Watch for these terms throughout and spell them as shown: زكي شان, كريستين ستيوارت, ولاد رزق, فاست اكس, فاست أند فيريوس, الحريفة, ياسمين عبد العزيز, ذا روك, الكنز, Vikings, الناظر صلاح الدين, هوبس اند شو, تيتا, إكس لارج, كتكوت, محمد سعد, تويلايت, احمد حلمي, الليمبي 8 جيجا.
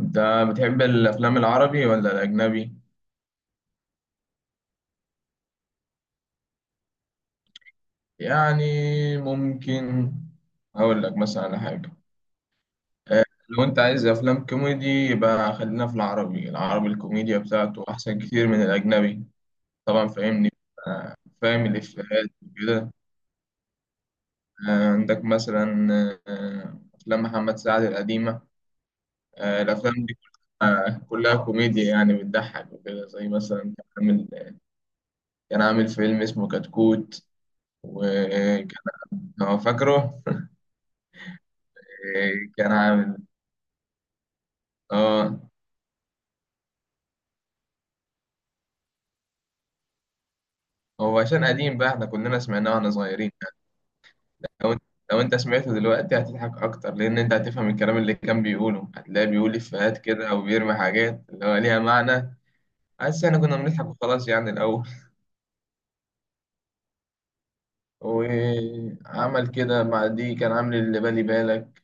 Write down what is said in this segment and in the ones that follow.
انت بتحب الافلام العربي ولا الاجنبي؟ يعني ممكن اقول لك مثلا على حاجه. لو انت عايز افلام كوميدي يبقى خلينا في العربي، العربي الكوميديا بتاعته احسن كتير من الاجنبي. طبعا فاهمني. آه، فاهم الافيهات وكده. عندك مثلا افلام محمد سعد القديمه. الافلام دي كلها كلها كوميديا، يعني بتضحك وكده، زي مثلا كان عامل فيلم اسمه كتكوت. وكان، هو فاكره؟ كان عامل. اه هو عشان قديم بقى احنا كلنا سمعناه واحنا صغيرين. لو انت لو انت سمعته دلوقتي هتضحك اكتر، لان انت هتفهم الكلام اللي كان بيقوله، هتلاقيه بيقول افيهات كده او بيرمي حاجات اللي هو ليها معنى. بس احنا كنا بنضحك وخلاص يعني الاول. وعمل كده مع دي كان عامل اللي بالي بالك.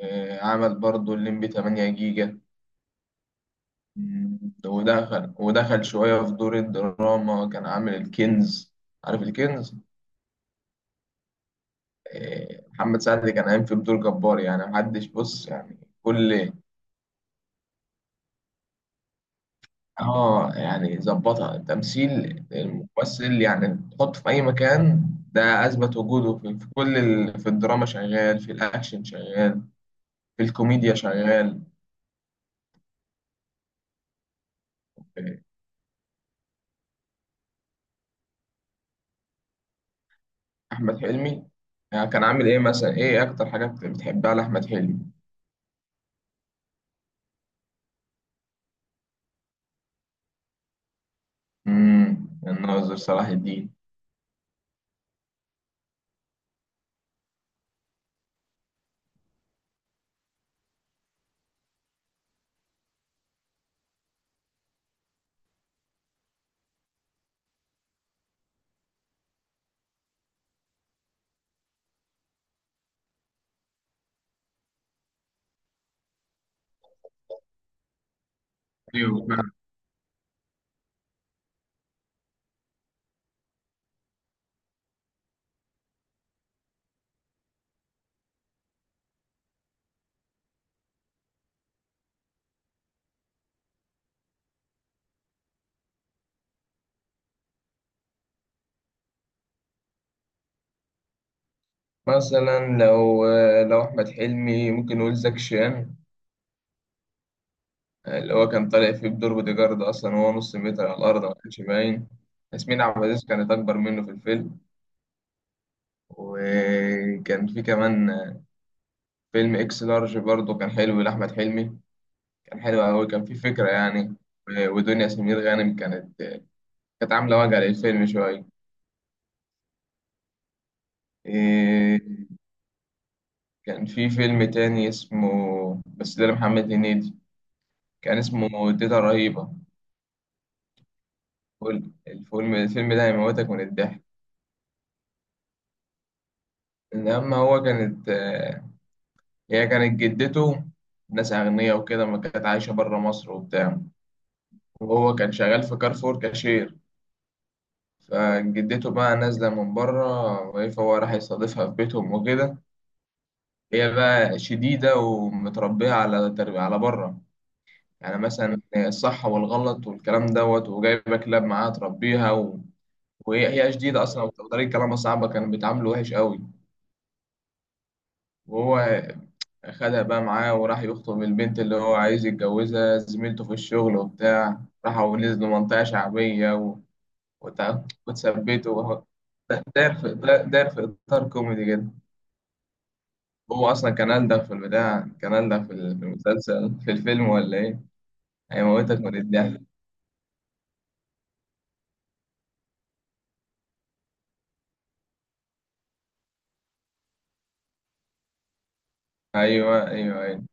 عمل برضه الليمبي 8 جيجا. مم، ودخل شوية في دور الدراما، كان عامل الكنز. عارف الكنز؟ محمد سعد كان قايم في بدور جبار يعني، محدش بص يعني. كل اه يعني ظبطها تمثيل الممثل، يعني تحطه في اي مكان. ده اثبت وجوده في كل في الدراما شغال، في الاكشن شغال، في الكوميديا شغال. إيه، احمد حلمي يعني كان عامل ايه مثلا، ايه اكتر حاجه بتحبها لاحمد حلمي؟ الناظر صلاح الدين. ايوه فعلا. مثلا لو احمد حلمي ممكن نقول زكي شان، اللي هو كان طالع فيه بدور بودي جارد، أصلا وهو نص متر على الأرض ما كانش باين. ياسمين عبد العزيز كانت أكبر منه في الفيلم. وكان في كمان فيلم إكس لارج برضه، كان حلو لأحمد حلمي. كان حلو أوي، كان فيه فكرة يعني. ودنيا سمير غانم كانت عاملة وجع للفيلم شوية. إيه، كان في فيلم تاني اسمه، بس ده لمحمد هنيدي، كان اسمه تيتا رهيبة. الفيلم ده هيموتك من الضحك. لما هو كانت هي كانت جدته. ناس أغنياء وكده، ما كانت عايشة برا مصر وبتاع. وهو كان شغال في كارفور كاشير. فجدته بقى نازلة من برا، فهو راح يستضيفها في بيتهم وكده. هي بقى شديدة ومتربية على تربية على برا. يعني مثلا الصح والغلط والكلام دوت، وجايبة كلاب معاها تربيها و... وهي شديدة أصلا، وطريقة كلامها صعبة، كانوا بيتعاملوا وحش قوي. وهو خدها بقى معاه، وراح يخطب البنت اللي هو عايز يتجوزها، زميلته في الشغل وبتاع، راحوا نزلوا منطقة شعبية و... وتثبتوا داير في داير في إطار كوميدي جدا. هو أصلا كان ألدغ في البتاع، كان ألدغ في المسلسل، في الفيلم ولا إيه؟ هيموتك من الضحك. أيوه أيوه أيوه.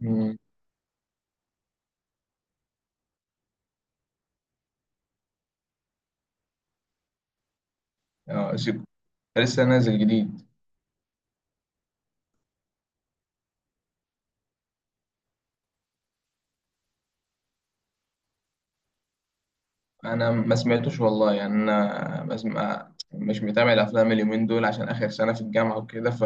مم. آه، شك- لسه نازل جديد. أنا ما سمعتوش والله، يعني أنا بسمع، مش متابع الأفلام اليومين دول عشان آخر سنة في الجامعة وكده ف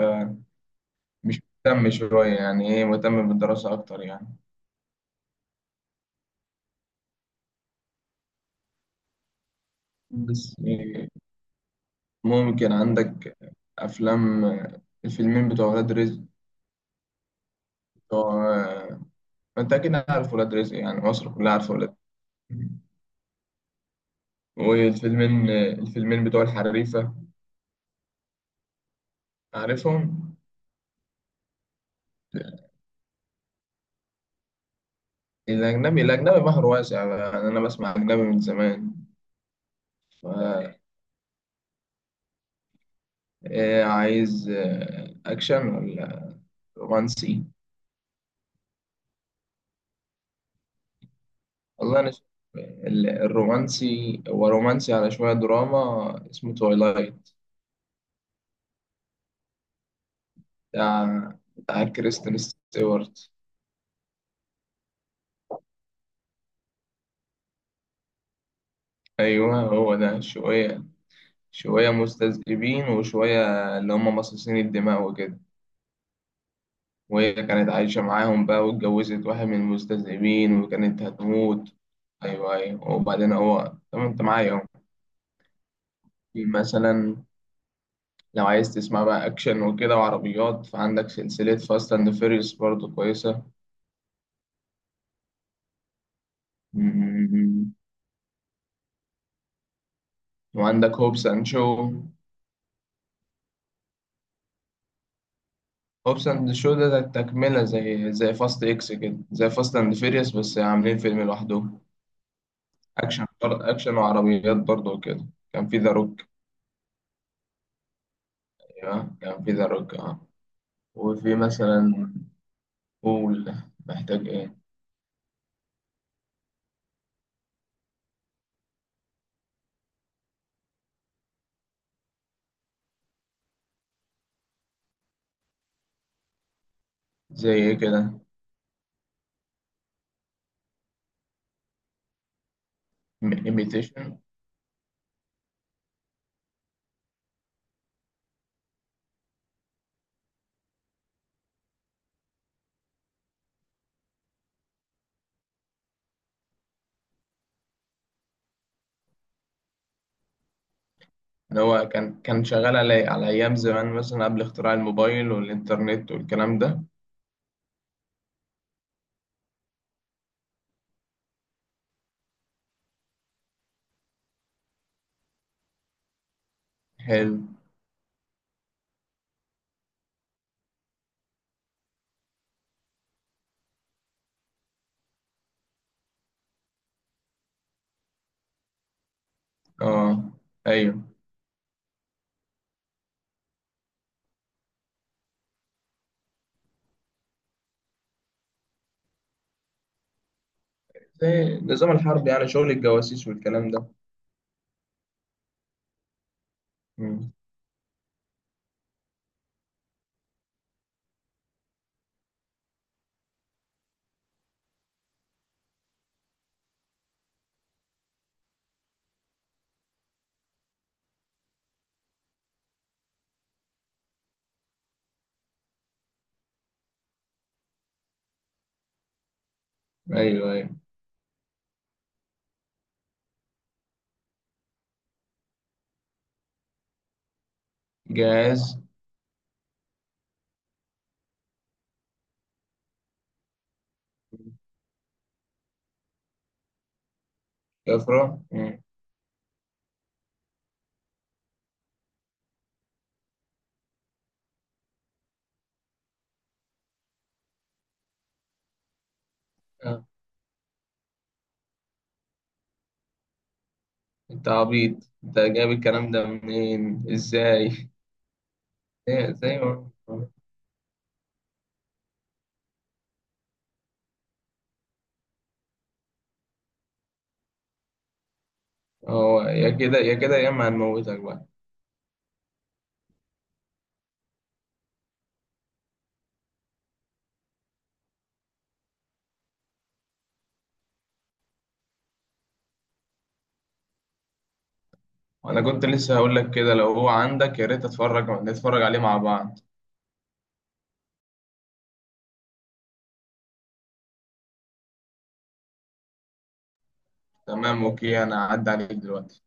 مش مهتم شوية يعني، إيه مهتم بالدراسة أكتر يعني. مم. بس ممكن عندك أفلام، الفيلمين بتوع ولاد رزق، بتوع، ما أنت أكيد عارف ولاد رزق، يعني مصر كلها عارفة ولاد رزق. والفيلمين بتوع الحريفة، عارفهم؟ الأجنبي بحر واسع يعني، أنا بسمع أجنبي من زمان. ف- عايز أكشن ولا رومانسي؟ والله أنا شايف الرومانسي، هو رومانسي على شوية دراما، اسمه تويلايت، بتاع كريستين ستيوارت. أيوه هو ده، شوية شوية مستذئبين، وشوية اللي هم مصاصين الدماء وكده. وهي كانت عايشة معاهم بقى، واتجوزت واحد من المستذئبين وكانت هتموت. أيوه أيوه. وبعدين هو، طب أنت معايا أهو. في مثلا، لو عايز تسمع بقى أكشن وكده وعربيات، فعندك سلسلة فاست أند فيريوس برضه كويسة. وعندك هوبس اند شو. هوبس اند شو ده تكملة، زي فاست اكس كده، زي فاست اند فيريوس بس عاملين فيلم لوحدهم. اكشن اكشن وعربيات برضه كده. كان في ذا روك. ايوه كان في ذا روك اه وفي مثلا، قول محتاج ايه. زي ايه كده. ايميتيشن. اللي هو كان شغال على ايام زمان مثلا، قبل اختراع الموبايل والانترنت والكلام ده. حلو. اه ايوه. زي النظام الحربي يعني، شغل الجواسيس والكلام ده. ايوه ايوه. جاهز. افرح. آه. انت عبيط، انت جايب الكلام ده منين ازاي؟ زي ما هو، يا كده يا كده، يا اما هنموتك بقى. وانا كنت لسه هقول لك كده، لو هو عندك يا ريت نتفرج عليه مع بعض. تمام اوكي، انا هعدي عليك دلوقتي.